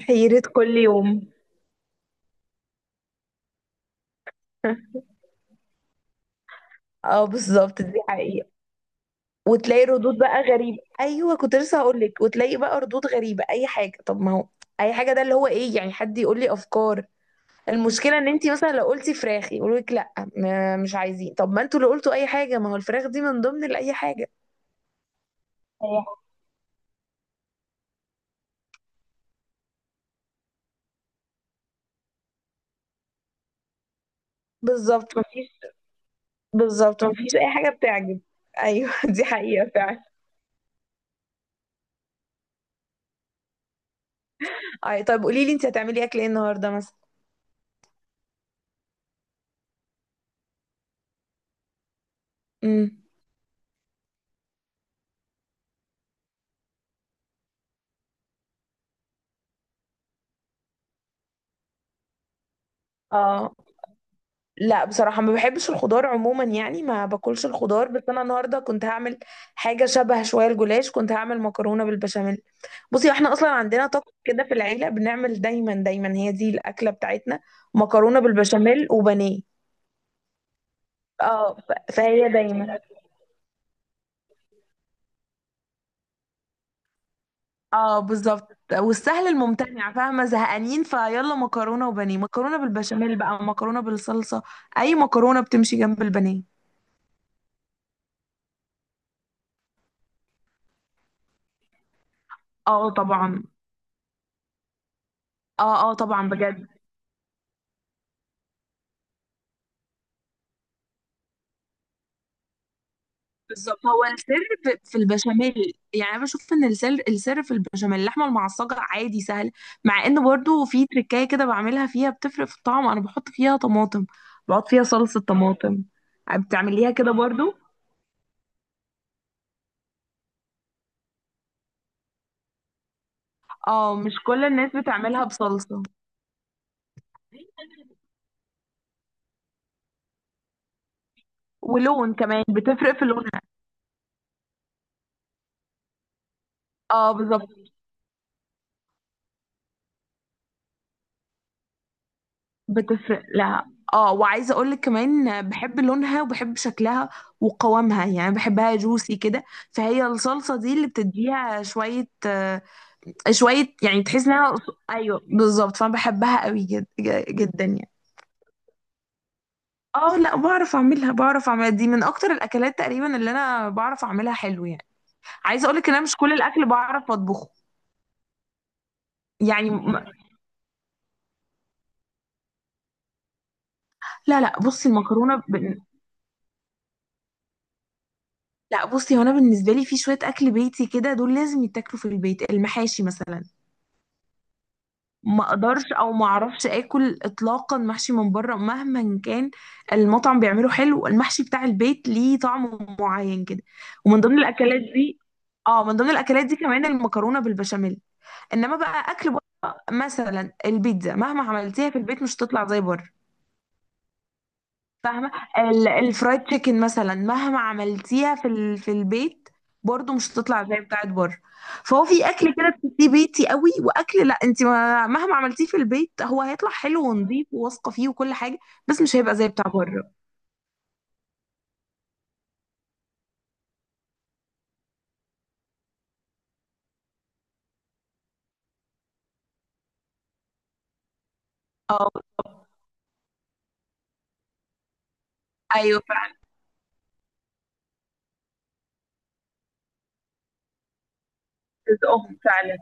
حيرة كل يوم. اه، بالظبط، دي حقيقة. وتلاقي ردود بقى غريبة، ايوه كنت لسه هقول لك، وتلاقي بقى ردود غريبة، اي حاجة. طب ما هو اي حاجة، ده اللي هو ايه؟ يعني حد يقول لي افكار. المشكلة ان انت مثلا لو قلتي فراخ يقولوا لك لا، مش عايزين. طب ما انتوا اللي قلتوا اي حاجة، ما هو الفراخ دي من ضمن اي حاجة. هي بالظبط مفيش، بالظبط مفيش اي حاجة بتعجب. ايوه. دي حقيقة فعلا. اي، طب قولي لي انت هتعملي اكل ايه النهاردة مثلا؟ امم اه، لا بصراحة ما بحبش الخضار عموما، يعني ما باكلش الخضار، بس انا النهاردة كنت هعمل حاجة شبه شوية الجلاش، كنت هعمل مكرونة بالبشاميل. بصي احنا اصلا عندنا طقس كده في العيلة، بنعمل دايما دايما هي دي الأكلة بتاعتنا، مكرونة بالبشاميل وبانيه. اه فهي دايما. اه بالظبط، والسهل الممتنع، فاهمة؟ زهقانين، فيلا مكرونة وبانيه، مكرونة بالبشاميل بقى، مكرونة بالصلصة، اي مكرونة بتمشي جنب البانيه. اه طبعا. اه اه طبعا بجد. بالظبط هو السر في البشاميل، يعني انا بشوف ان السر في البشاميل. اللحمه المعصجه عادي سهل، مع ان برضو في تركايه كده بعملها فيها بتفرق في الطعم، انا بحط فيها طماطم، بحط فيها صلصه طماطم. بتعمليها كده برضو؟ اه، مش كل الناس بتعملها بصلصه. ولون كمان، بتفرق في لونها. اه بالظبط، بتفرق لها. اه، وعايزه اقول لك كمان، بحب لونها وبحب شكلها وقوامها، يعني بحبها جوسي كده. فهي الصلصه دي اللي بتديها شويه شوية، يعني تحس انها. ايوه بالظبط، فانا بحبها قوي جدا يعني. اه، لا بعرف اعملها، بعرف اعملها، دي من اكتر الاكلات تقريبا اللي انا بعرف اعملها حلو يعني. عايزه اقولك ان انا مش كل الاكل بعرف اطبخه. يعني م... لا لا، بصي المكرونه لا بصي، هو انا بالنسبه لي في شويه اكل بيتي كده دول لازم يتاكلوا في البيت، المحاشي مثلا، ما اقدرش او ما اعرفش اكل اطلاقا محشي من بره مهما كان المطعم بيعمله حلو، المحشي بتاع البيت ليه طعم معين كده. ومن ضمن الاكلات دي، اه من ضمن الاكلات دي كمان المكرونه بالبشاميل. انما بقى اكل بره مثلا البيتزا، مهما عملتيها في البيت مش هتطلع زي بره. فاهمه؟ الفرايد تشيكن مثلا مهما عملتيها في البيت، برضو مش هتطلع زي بتاعت بره. فهو في اكل كده بتحسيه بيتي قوي، واكل لا انت ما... مهما عملتيه في البيت هو هيطلع حلو ونظيف وواثقه فيه وكل حاجه، بس مش هيبقى زي بتاع بره. اه ايولا فعلا. رزقهم فعلا.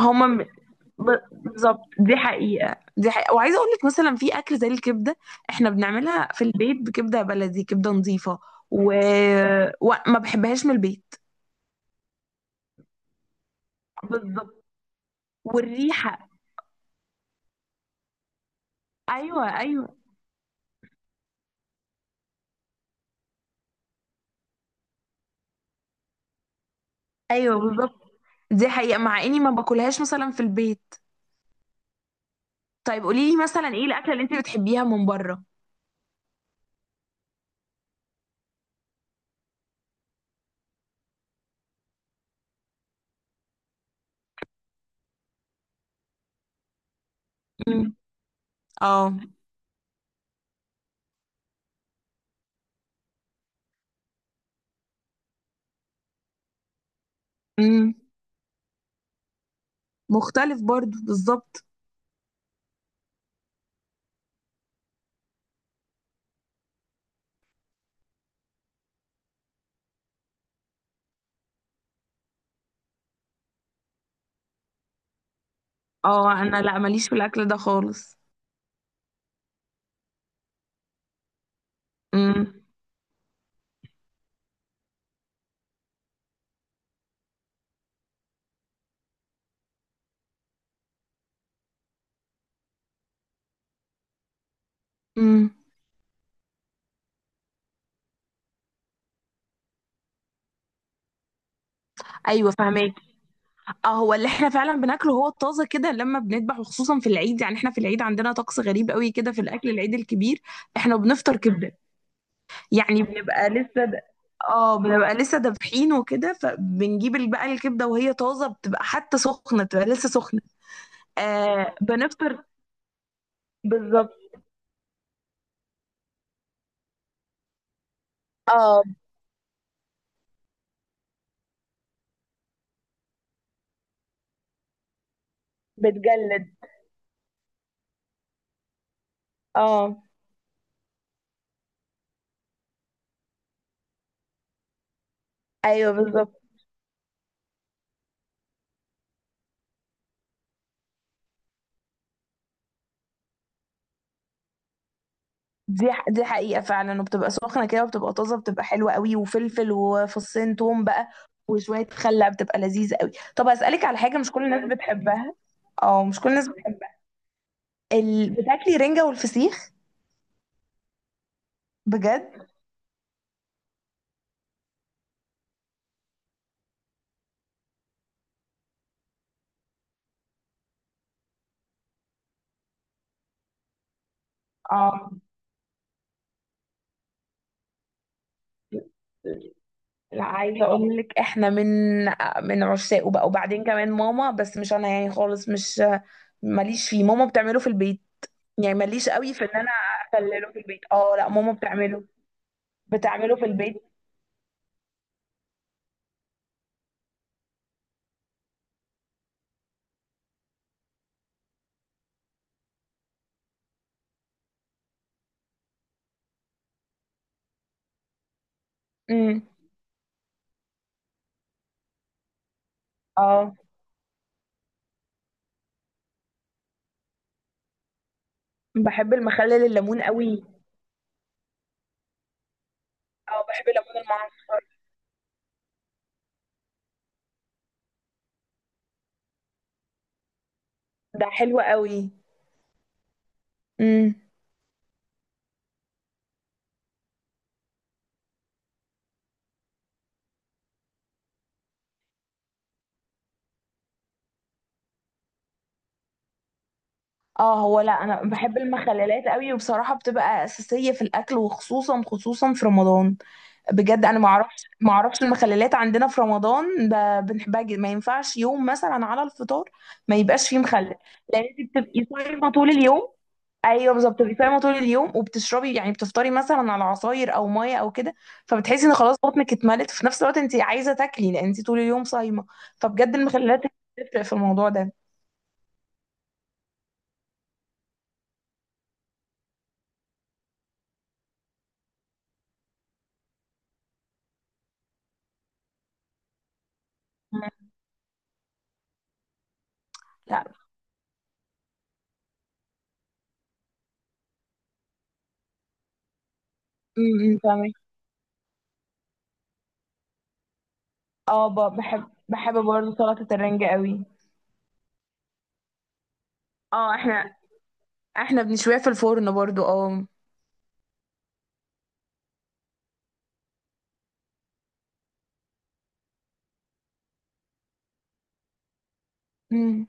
هما م- بالظبط، دي حقيقة دي حقيقة، وعايزة اقول لك مثلا في اكل زي الكبدة، احنا بنعملها في البيت، بكبدة بلدي، كبدة نظيفة. و... وما بحبهاش من البيت. بالظبط، والريحة. ايوه ايوه. ايوه بالظبط، دي حقيقة، مع اني ما باكلهاش مثلا في البيت. طيب قولي لي، مثلا ايه الاكلة اللي انت بتحبيها من بره؟ امم اه. امم مختلف برضو بالظبط. اه انا لا ماليش في الاكل ده خالص. امم امم ايوه فهماك. اه هو اللي احنا فعلا بناكله هو الطازه كده لما بنذبح، وخصوصا في العيد، يعني احنا في العيد عندنا طقس غريب قوي كده في الاكل، العيد الكبير احنا بنفطر كبده، يعني بنبقى لسه اه، بنبقى لسه دابحين وكده، فبنجيب بقى الكبده وهي طازه، بتبقى حتى سخنه، بتبقى لسه سخنه. آه بنفطر. بالظبط. اه بتجلد. اه ايوه بالظبط. دي حقيقه فعلا، وبتبقى سخنه كده وبتبقى طازه، بتبقى حلوه قوي، وفلفل وفصين توم بقى وشويه خل، بتبقى لذيذه قوي. طب اسالك على حاجه مش كل الناس بتحبها، اه مش كل الناس بتحبها، بتاكلي رنجه والفسيخ؟ بجد. اه لا، عايزه اقول لك احنا من عشاقه بقى، وبعدين كمان ماما، بس مش انا يعني خالص، مش ماليش فيه، ماما بتعمله في البيت. يعني ماليش قوي في ان انا اخلله في البيت، اه لا ماما بتعمله، بتعمله في البيت. امم، اه بحب المخلل الليمون قوي. اه بحب الليمون المعصفر، ده حلو قوي. امم. اه هو لا انا بحب المخللات قوي، وبصراحه بتبقى اساسيه في الاكل، وخصوصا خصوصا في رمضان. بجد انا ما اعرفش، ما اعرفش المخللات عندنا في رمضان بنحبها جدا، ما ينفعش يوم مثلا على الفطار ما يبقاش فيه مخلل، لان انت بتبقي صايمه طول اليوم. ايوه بالظبط، بتبقي صايمه طول اليوم وبتشربي يعني، بتفطري مثلا على عصاير او ميه او كده، فبتحسي ان خلاص بطنك اتملت، في نفس الوقت انت عايزه تاكلي لان انت طول اليوم صايمه، فبجد المخللات بتفرق في الموضوع ده. مم. لا. فاهمه. اه بحب برضه سلطه الرنجة قوي. اه، احنا بنشويها في الفرن برضه اه. مم.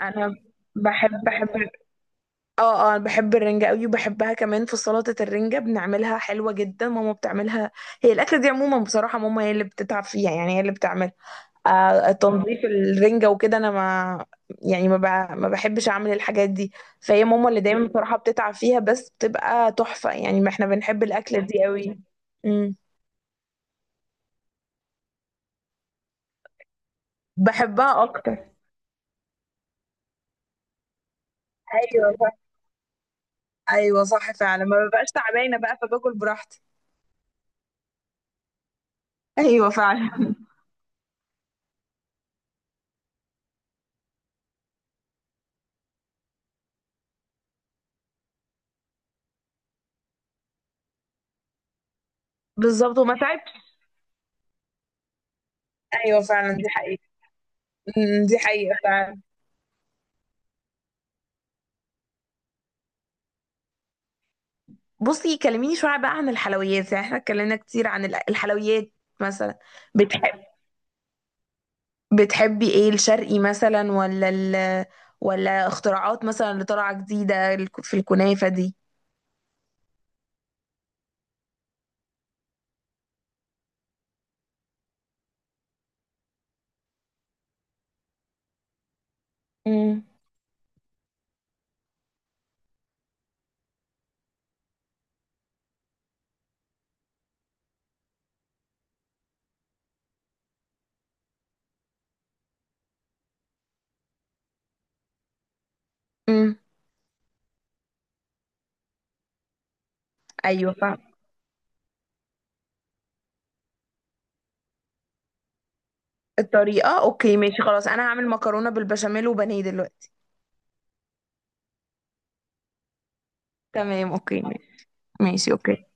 انا بحب اه اه بحب الرنجة قوي، وبحبها كمان في سلطة الرنجة، بنعملها حلوة جدا، ماما بتعملها. هي الأكلة دي عموما بصراحة ماما هي اللي بتتعب فيها، يعني هي اللي بتعملها. آه تنظيف الرنجة وكده، انا ما يعني ما بحبش اعمل الحاجات دي. فهي ماما اللي دايما بصراحة بتتعب فيها، بس بتبقى تحفة يعني، ما احنا بنحب الأكلة دي قوي. امم. بحبها اكتر. ايوه صح. ايوه صح فعلا، ما ببقاش تعبانة بقى فباكل براحتي. ايوه فعلا. بالظبط، ومتاعب. ايوه فعلا دي حقيقة. أمم، دي حقيقة فعلا. بصي كلميني شوية بقى عن الحلويات، يعني احنا اتكلمنا كتير عن الحلويات، مثلا. بتحب بتحبي ايه، الشرقي مثلا ولا اختراعات مثلا اللي طالعة جديدة في الكنافة دي؟ أمم. امم. ايوه فاهم الطريقة. اوكي، ماشي، خلاص انا هعمل مكرونة بالبشاميل وبانيه دلوقتي. تمام، اوكي، ماشي. ماشي، اوكي.